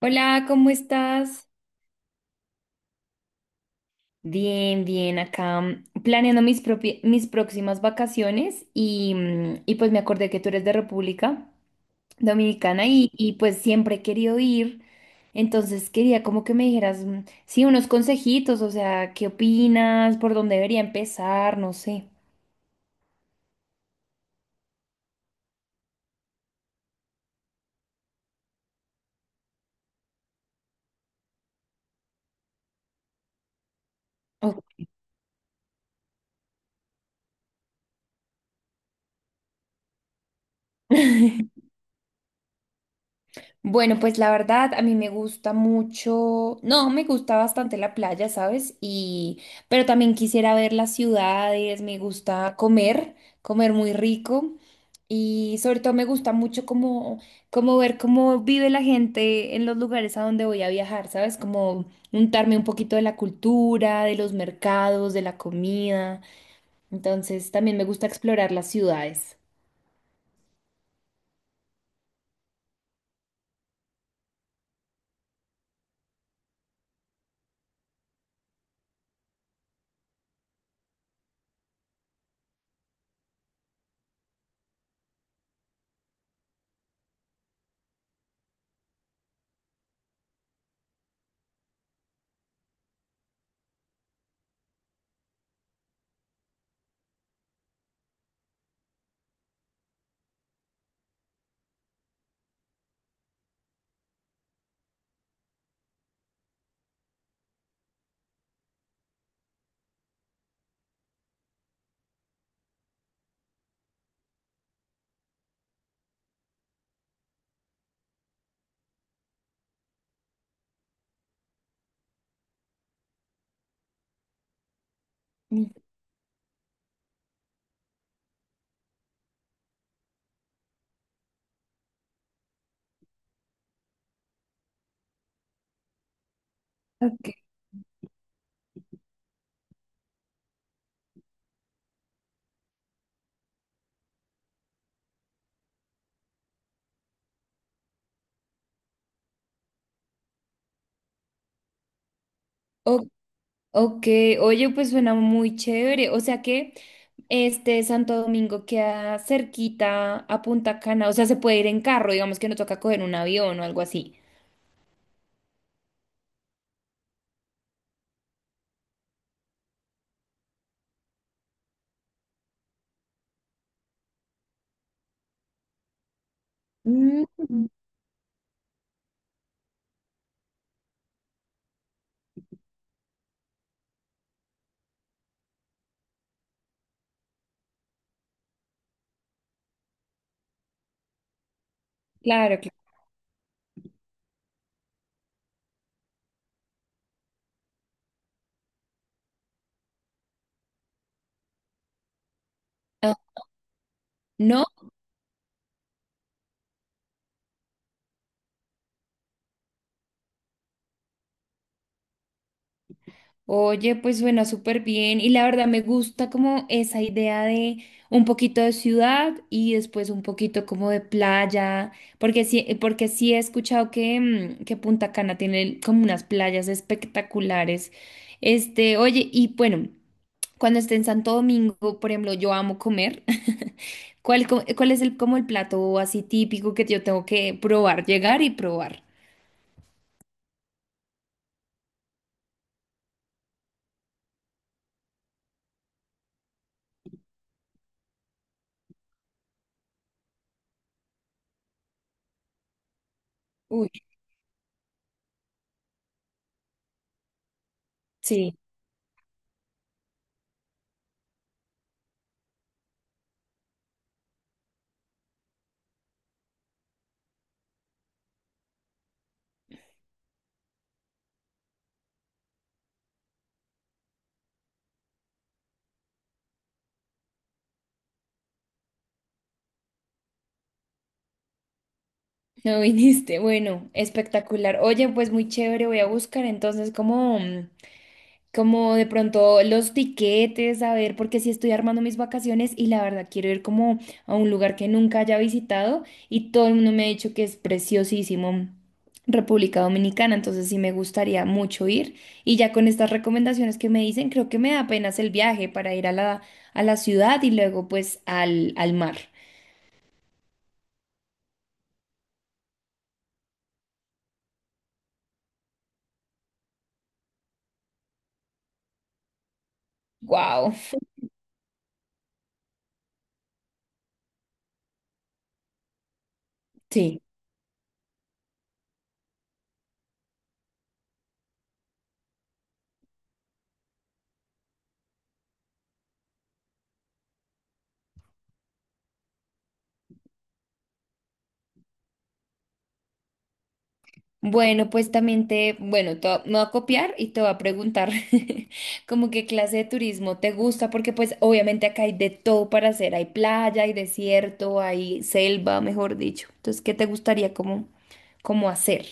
Hola, ¿cómo estás? Bien, bien, acá planeando mis próximas vacaciones y, y pues me acordé que tú eres de República Dominicana y pues siempre he querido ir, entonces quería como que me dijeras, sí, unos consejitos, o sea, ¿qué opinas? ¿Por dónde debería empezar? No sé. Ok. Bueno, pues la verdad, a mí me gusta mucho, no, me gusta bastante la playa, ¿sabes? Y, pero también quisiera ver las ciudades, me gusta comer, comer muy rico y sobre todo me gusta mucho como, como ver cómo vive la gente en los lugares a donde voy a viajar, ¿sabes? Como untarme un poquito de la cultura, de los mercados, de la comida. Entonces, también me gusta explorar las ciudades. Mm, ok. Ok, oye, pues suena muy chévere. O sea que este Santo Domingo queda cerquita a Punta Cana. O sea, se puede ir en carro, digamos que no toca coger un avión o algo así. Mm. Claro, claro. Ah. No. Oye, pues suena súper bien y la verdad me gusta como esa idea de un poquito de ciudad y después un poquito como de playa, porque sí he escuchado que, que Punta Cana tiene como unas playas espectaculares. Este, oye, y bueno, cuando esté en Santo Domingo, por ejemplo, yo amo comer. ¿Cuál, cuál es el, como el plato así típico que yo tengo que probar, llegar y probar? Uy, sí. No viniste. Bueno, espectacular. Oye, pues muy chévere. Voy a buscar entonces como, como de pronto los tiquetes, a ver, porque sí estoy armando mis vacaciones y la verdad quiero ir como a un lugar que nunca haya visitado y todo el mundo me ha dicho que es preciosísimo. República Dominicana, entonces sí me gustaría mucho ir y ya con estas recomendaciones que me dicen, creo que me da apenas el viaje para ir a la ciudad y luego pues al, al mar. Wow, sí. Bueno, pues también te, bueno, me voy a copiar y te voy a preguntar como qué clase de turismo te gusta, porque pues obviamente acá hay de todo para hacer, hay playa, hay desierto, hay selva, mejor dicho. Entonces, ¿qué te gustaría como, como hacer?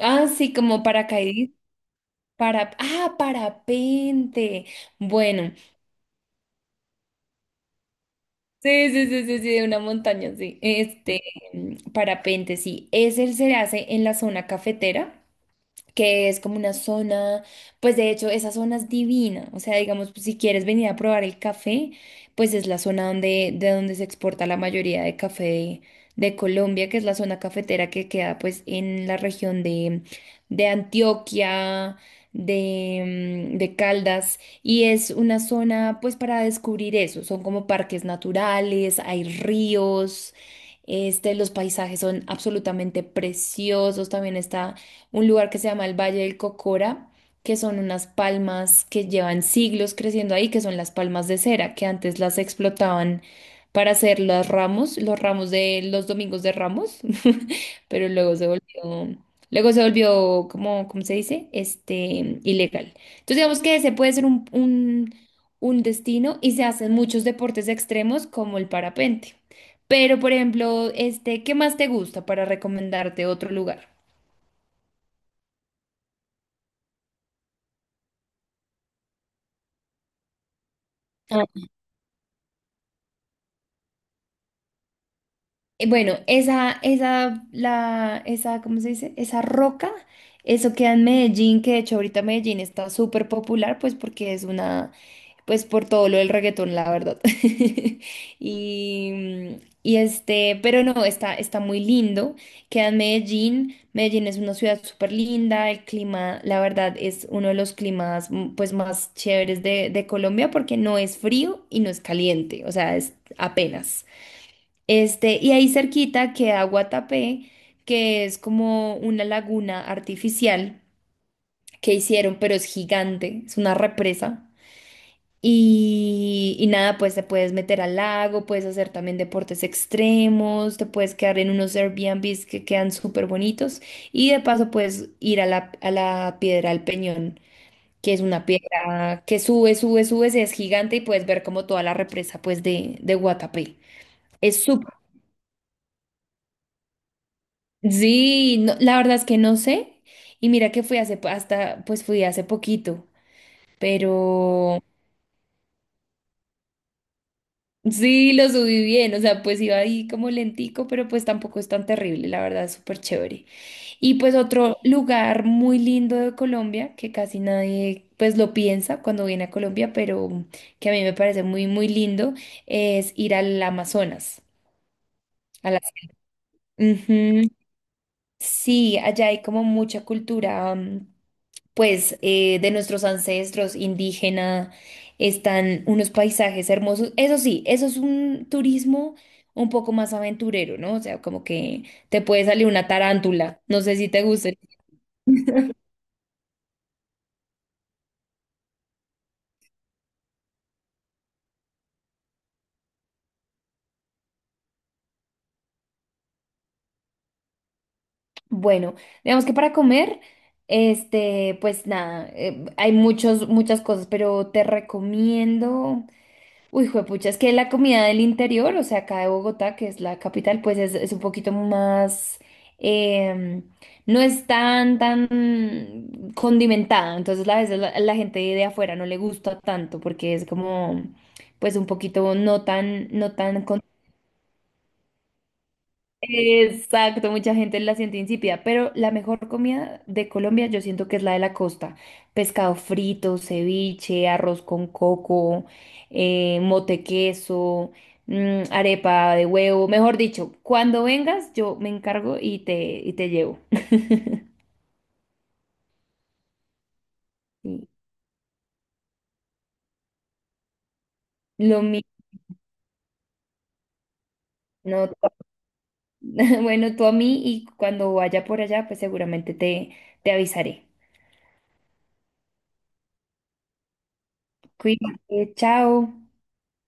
Ah, sí, como paracaidismo, para, ah, parapente. Bueno, sí, sí, sí, sí, sí, de una montaña, sí. Este, parapente, sí. Ese se hace en la zona cafetera, que es como una zona, pues de hecho esa zona es divina, o sea, digamos, pues, si quieres venir a probar el café, pues es la zona donde, de donde se exporta la mayoría de café de Colombia, que es la zona cafetera que queda pues en la región de Antioquia, de, de Caldas, y es una zona pues para descubrir eso, son como parques naturales, hay ríos. Este, los paisajes son absolutamente preciosos. También está un lugar que se llama el Valle del Cocora, que son unas palmas que llevan siglos creciendo ahí, que son las palmas de cera, que antes las explotaban para hacer los ramos de los domingos de Ramos, pero luego se volvió, como, ¿cómo se dice? Este, ilegal. Entonces digamos que ese puede ser un destino y se hacen muchos deportes extremos como el parapente. Pero, por ejemplo, este, ¿qué más te gusta para recomendarte otro lugar? Bueno, esa, la, esa, ¿cómo se dice? Esa roca, eso queda en Medellín, que de hecho ahorita Medellín está súper popular, pues porque es una, pues por todo lo del reggaetón, la verdad. Y, y este, pero no, está, está muy lindo, queda en Medellín, Medellín es una ciudad súper linda, el clima, la verdad, es uno de los climas pues más chéveres de Colombia porque no es frío y no es caliente, o sea, es apenas. Este, y ahí cerquita queda Guatapé, que es como una laguna artificial que hicieron, pero es gigante, es una represa. Y nada, pues te puedes meter al lago, puedes hacer también deportes extremos, te puedes quedar en unos Airbnbs que quedan súper bonitos. Y de paso puedes ir a la Piedra del Peñón, que es una piedra que sube, sube, sube, es gigante y puedes ver como toda la represa pues de Guatapé. Es súper. Sí, la verdad es que no sé. Y mira que fui hasta, pues fui hace poquito, pero sí lo subí bien, o sea, pues iba ahí como lentico, pero pues tampoco es tan terrible, la verdad es súper chévere. Y pues otro lugar muy lindo de Colombia, que casi nadie pues lo piensa cuando viene a Colombia, pero que a mí me parece muy, muy lindo, es ir al Amazonas. A las- Ujú. Sí, allá hay como mucha cultura. Pues de nuestros ancestros indígena, están unos paisajes hermosos. Eso sí, eso es un turismo un poco más aventurero, ¿no? O sea, como que te puede salir una tarántula, no sé si te guste. Bueno, digamos que para comer, este, pues nada, hay muchos, muchas cosas, pero te recomiendo. Uy, juepucha, es que la comida del interior, o sea, acá de Bogotá, que es la capital, pues es un poquito más, em, no es tan, tan condimentada. Entonces, a veces la, la gente de afuera no le gusta tanto porque es como, pues un poquito no tan, no tan. Exacto, mucha gente la siente insípida, pero la mejor comida de Colombia yo siento que es la de la costa. Pescado frito, ceviche, arroz con coco, mote queso, arepa de huevo, mejor dicho, cuando vengas yo me encargo y te llevo. Sí, lo mismo, no, tú- bueno, tú a mí y cuando vaya por allá pues seguramente te, te avisaré. Cuídate, chao.